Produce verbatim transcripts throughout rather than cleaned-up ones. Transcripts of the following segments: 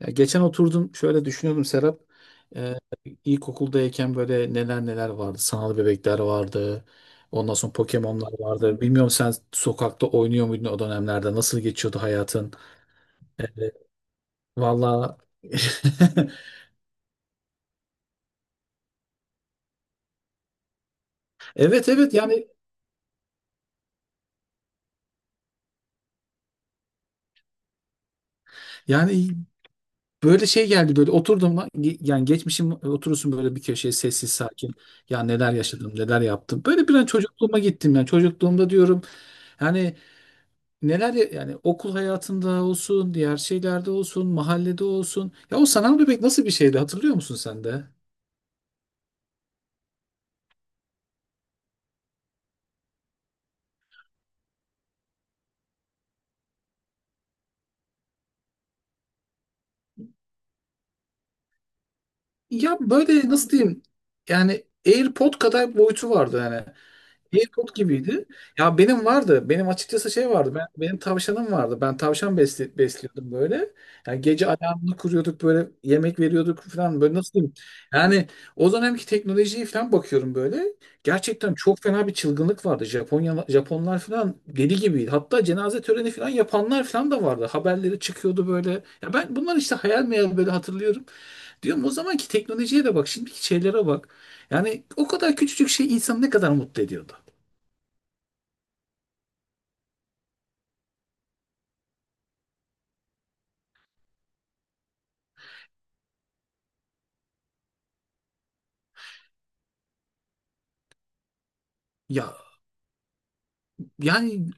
Ya geçen oturdum şöyle düşünüyordum Serap. Ee, ilkokuldayken böyle neler neler vardı. Sanal bebekler vardı. Ondan sonra Pokemon'lar vardı. Bilmiyorum sen sokakta oynuyor muydun o dönemlerde? Nasıl geçiyordu hayatın? Evet, valla evet evet yani yani böyle şey geldi böyle oturdum lan, ge- yani geçmişim oturursun böyle bir köşeye sessiz sakin ya neler yaşadım neler yaptım böyle bir an çocukluğuma gittim yani çocukluğumda diyorum yani neler ya- yani okul hayatında olsun, diğer şeylerde olsun, mahallede olsun. Ya o sanal bebek nasıl bir şeydi hatırlıyor musun sen de? Ya böyle nasıl diyeyim? Yani AirPod kadar boyutu vardı yani. Airpod gibiydi. Ya benim vardı. Benim açıkçası şey vardı. Ben benim tavşanım vardı. Ben tavşan besli, besliyordum böyle. Yani gece alarmını kuruyorduk böyle yemek veriyorduk falan böyle nasıl diyeyim? Yani o dönemki teknolojiye falan bakıyorum böyle. Gerçekten çok fena bir çılgınlık vardı. Japonya Japonlar falan deli gibiydi. Hatta cenaze töreni falan yapanlar falan da vardı. Haberleri çıkıyordu böyle. Ya ben bunlar işte hayal meyal böyle hatırlıyorum. Diyorum o zamanki teknolojiye de bak, şimdiki şeylere bak. Yani o kadar küçücük şey insanı ne kadar mutlu ediyordu. Ya yani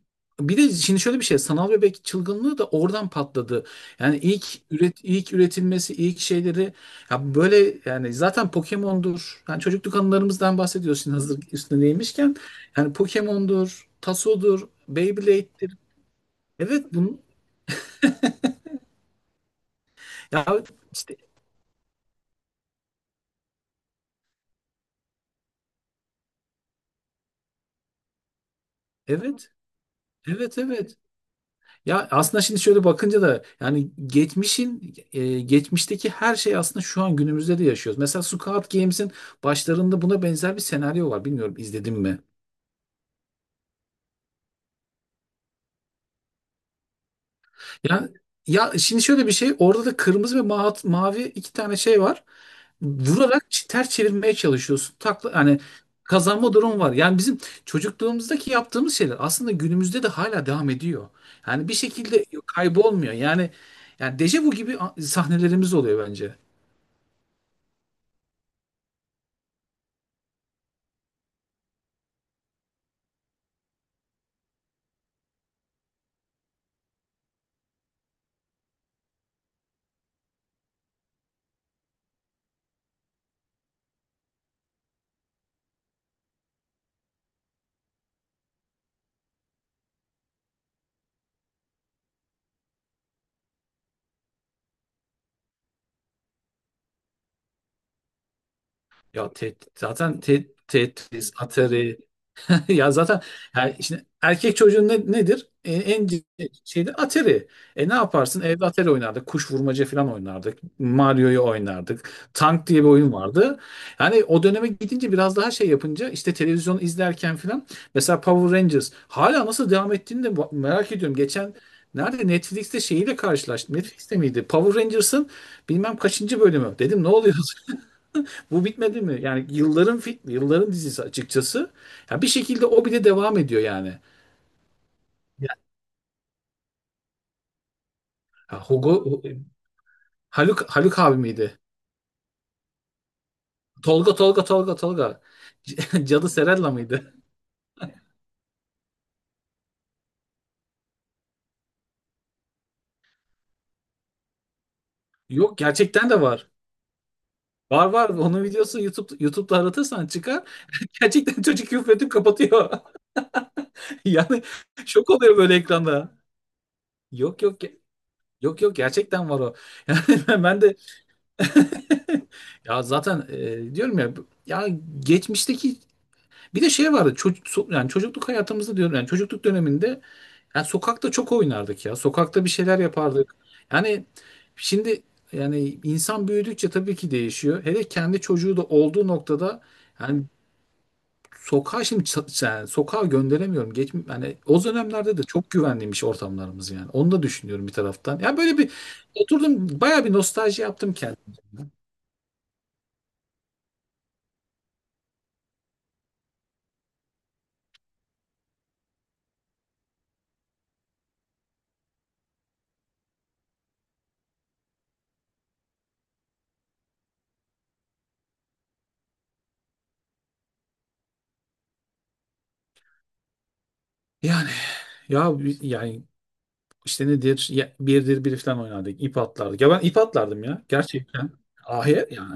bir de şimdi şöyle bir şey sanal bebek çılgınlığı da oradan patladı. Yani ilk üret ilk üretilmesi ilk şeyleri ya böyle yani zaten Pokemon'dur. Yani çocukluk anılarımızdan bahsediyorsun hazır üstüne değmişken. Yani Pokemon'dur, Taso'dur, Beyblade'dir. Evet bunu ya işte evet, evet evet. Ya aslında şimdi şöyle bakınca da yani geçmişin e, geçmişteki her şey aslında şu an günümüzde de yaşıyoruz. Mesela Squid Games'in başlarında buna benzer bir senaryo var. Bilmiyorum izledim mi? Ya ya şimdi şöyle bir şey orada da kırmızı ve ma- mavi iki tane şey var. Vurarak ç- ters çevirmeye çalışıyorsun. Takla hani kazanma durumu var. Yani bizim çocukluğumuzdaki yaptığımız şeyler aslında günümüzde de hala devam ediyor. Yani bir şekilde kaybolmuyor. Yani yani dejavu gibi a- sahnelerimiz oluyor bence. Ya te, zaten te, Tetris, Atari. Ya zaten yani şimdi erkek çocuğun ne, nedir? E, en ciddi şeyde Atari. E ne yaparsın? Evde Atari oynardık. Kuş vurmaca falan oynardık. Mario'yu oynardık. Tank diye bir oyun vardı. Yani o döneme gidince biraz daha şey yapınca işte televizyon izlerken falan mesela Power Rangers hala nasıl devam ettiğini de ba- merak ediyorum. Geçen Nerede Netflix'te şeyiyle karşılaştım. Netflix'te miydi? Power Rangers'ın bilmem kaçıncı bölümü. Dedim ne oluyor? Bu bitmedi mi? Yani yılların film, yılların dizisi açıkçası. Ya bir şekilde o bile devam ediyor yani. Ya Hugo Haluk Haluk abi miydi? Tolga Tolga Tolga Tolga. Cadı Serella mıydı? Yok gerçekten de var. Var var. Onun videosu YouTube YouTube'da aratırsan çıkar. Gerçekten çocuk küfredip kapatıyor. Yani şok oluyor böyle ekranda. Yok yok ge- yok yok gerçekten var o. Yani ben de ya zaten e, diyorum ya bu- ya geçmişteki bir de şey vardı çocuk so- yani çocukluk hayatımızda diyorum yani çocukluk döneminde yani sokakta çok oynardık ya. Sokakta bir şeyler yapardık. Yani şimdi yani insan büyüdükçe tabii ki değişiyor. Hele kendi çocuğu da olduğu noktada yani sokağa şimdi ça- yani sokağa gönderemiyorum. Geç, yani o dönemlerde de çok güvenliymiş ortamlarımız yani. Onu da düşünüyorum bir taraftan. Ya böyle bir oturdum bayağı bir nostalji yaptım kendim. Yani ya yani İşte nedir? Ya- birdir bir falan oynardık. İp atlardık. Ya ben ip atlardım ya. Gerçekten. Ahir yani.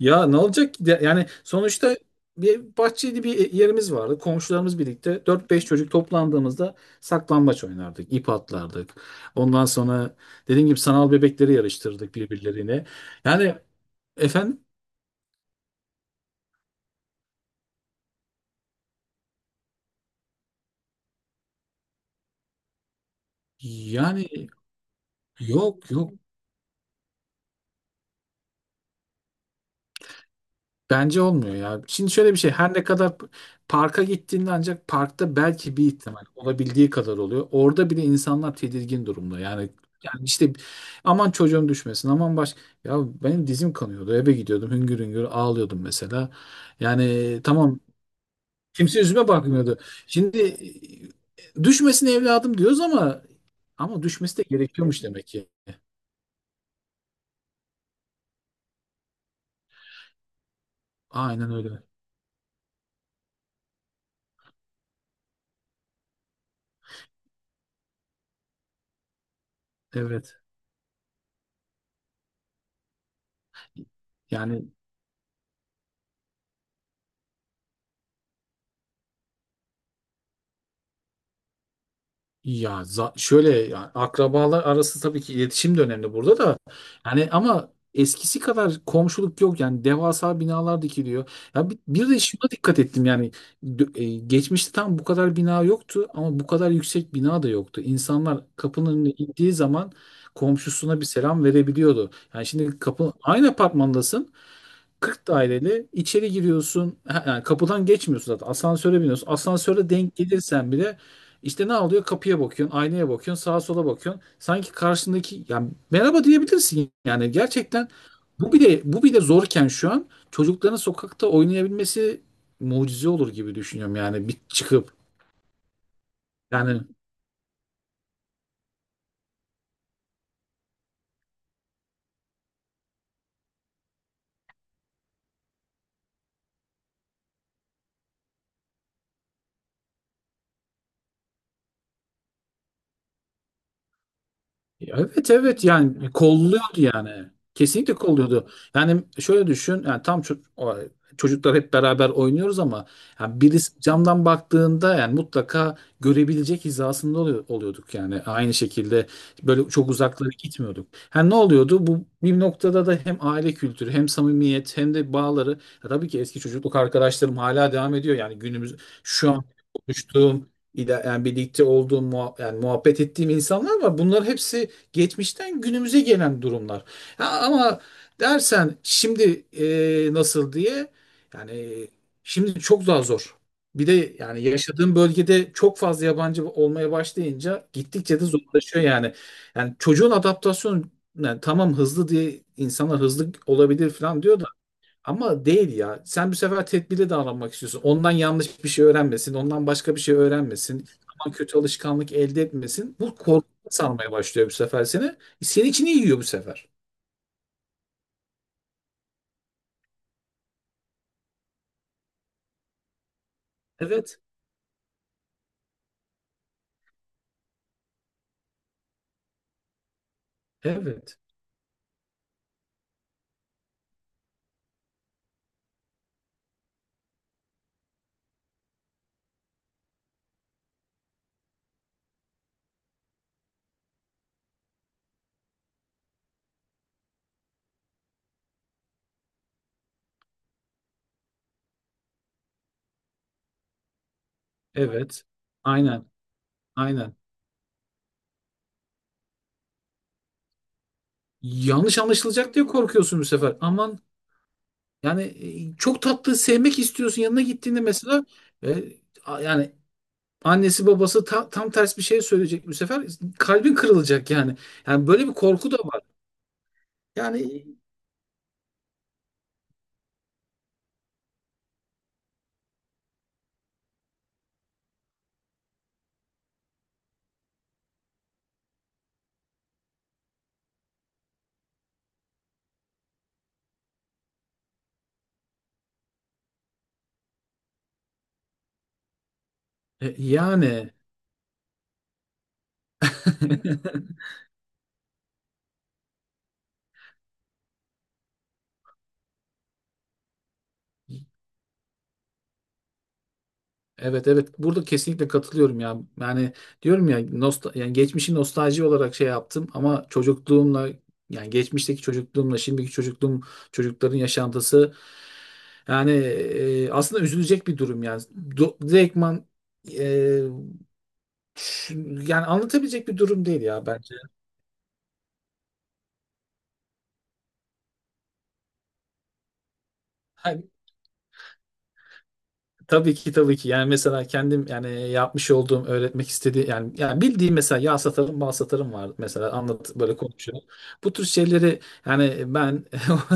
Ya ne olacak ki de- yani sonuçta bir bahçeli bir yerimiz vardı. Komşularımız birlikte dört beş çocuk toplandığımızda saklambaç oynardık. İp atlardık. Ondan sonra dediğim gibi sanal bebekleri yarıştırdık birbirlerine. Yani efendim yani yok yok Bence olmuyor ya. Şimdi şöyle bir şey. Her ne kadar p- parka gittiğinde ancak parkta belki bir ihtimal olabildiği kadar oluyor. Orada bile insanlar tedirgin durumda. Yani yani işte aman çocuğum düşmesin. Aman baş ya benim dizim kanıyordu. Eve gidiyordum. Hüngür hüngür ağlıyordum mesela. Yani tamam kimse yüzüme bakmıyordu. Şimdi e, düşmesin evladım diyoruz ama ama düşmesi de gerekiyormuş demek ki. Aynen öyle. Evet. Yani ya za- şöyle yani akrabalar arası tabii ki iletişim de önemli burada da. Yani ama eskisi kadar komşuluk yok yani devasa binalar dikiliyor. Ya bir, bir de şuna dikkat ettim yani dö- e, geçmişte tam bu kadar bina yoktu ama bu kadar yüksek bina da yoktu. İnsanlar kapının önüne indiği zaman komşusuna bir selam verebiliyordu. Yani şimdi kapı aynı apartmandasın kırk daireli içeri giriyorsun. Ha, yani kapıdan geçmiyorsun zaten. Asansöre biniyorsun. Asansöre denk gelirsen bile işte ne oluyor? Kapıya bakıyorsun, aynaya bakıyorsun, sağa sola bakıyorsun. Sanki karşındaki yani merhaba diyebilirsin. Yani gerçekten bu bile bu bile zorken şu an çocukların sokakta oynayabilmesi mucize olur gibi düşünüyorum yani bir çıkıp yani ya evet, evet yani kolluyordu yani. Kesinlikle kolluyordu. Yani şöyle düşün yani tam ço- o- çocuklar hep beraber oynuyoruz ama yani birisi camdan baktığında yani mutlaka görebilecek hizasında oluyor- oluyorduk yani. Aynı şekilde böyle çok uzaklara gitmiyorduk. Yani ne oluyordu? Bu bir noktada da hem aile kültürü hem samimiyet hem de bağları ya tabii ki eski çocukluk arkadaşlarım hala devam ediyor yani günümüz şu an konuştuğum İla- yani birlikte olduğum muha- yani muhabbet ettiğim insanlar var. Bunlar hepsi geçmişten günümüze gelen durumlar. Ha, ama dersen şimdi e, nasıl diye yani şimdi çok daha zor. Bir de yani yaşadığım bölgede çok fazla yabancı olmaya başlayınca gittikçe de zorlaşıyor yani. Yani çocuğun adaptasyonu yani tamam hızlı diye insanlar hızlı olabilir falan diyor da ama değil ya. Sen bu sefer tedbirli davranmak istiyorsun. Ondan yanlış bir şey öğrenmesin. Ondan başka bir şey öğrenmesin. Aman kötü alışkanlık elde etmesin. Bu korku sarmaya başlıyor bu sefer seni. Senin için iyi yiyor bu sefer. Evet. Evet. Evet. Aynen. Aynen. Yanlış anlaşılacak diye korkuyorsun bu sefer. Aman yani e, çok tatlı sevmek istiyorsun. Yanına gittiğinde mesela e, a- yani annesi babası ta- tam ters bir şey söyleyecek bu sefer. Kalbin kırılacak yani. Yani böyle bir korku da var. Yani E, yani evet evet burada kesinlikle katılıyorum ya. Yani diyorum ya nosta yani geçmişi nostalji olarak şey yaptım ama çocukluğumla yani geçmişteki çocukluğumla şimdiki çocukluğum çocukların yaşantısı yani e, aslında üzülecek bir durum yani. Do direktman e, ş- yani anlatabilecek bir durum değil ya bence. Ha, Tabii ki tabii ki. Yani mesela kendim yani yapmış olduğum öğretmek istediği yani yani bildiğim mesela yağ satarım, bal satarım var mesela anlat böyle konuşuyorum. Bu tür şeyleri yani ben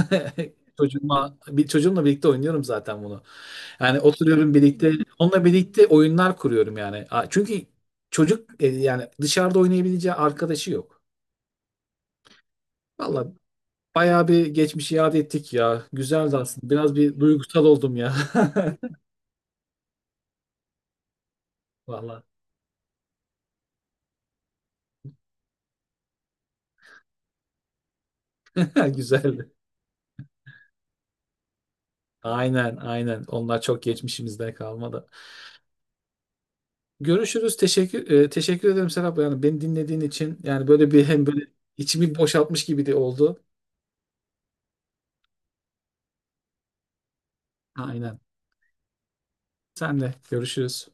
çocuğuma bir çocuğumla birlikte oynuyorum zaten bunu. Yani oturuyorum birlikte onunla birlikte oyunlar kuruyorum yani. A- Çünkü çocuk e, yani dışarıda oynayabileceği arkadaşı yok. Valla bayağı bir geçmişi yad ettik ya. Güzeldi aslında. Biraz bir duygusal oldum ya. Valla güzeldi. Aynen, aynen. Onlar çok geçmişimizde kalmadı. Görüşürüz. Teşekkür e, teşekkür ederim Serap. Yani beni dinlediğin için yani böyle bir hem böyle içimi boşaltmış gibi de oldu. Aynen. Senle görüşürüz.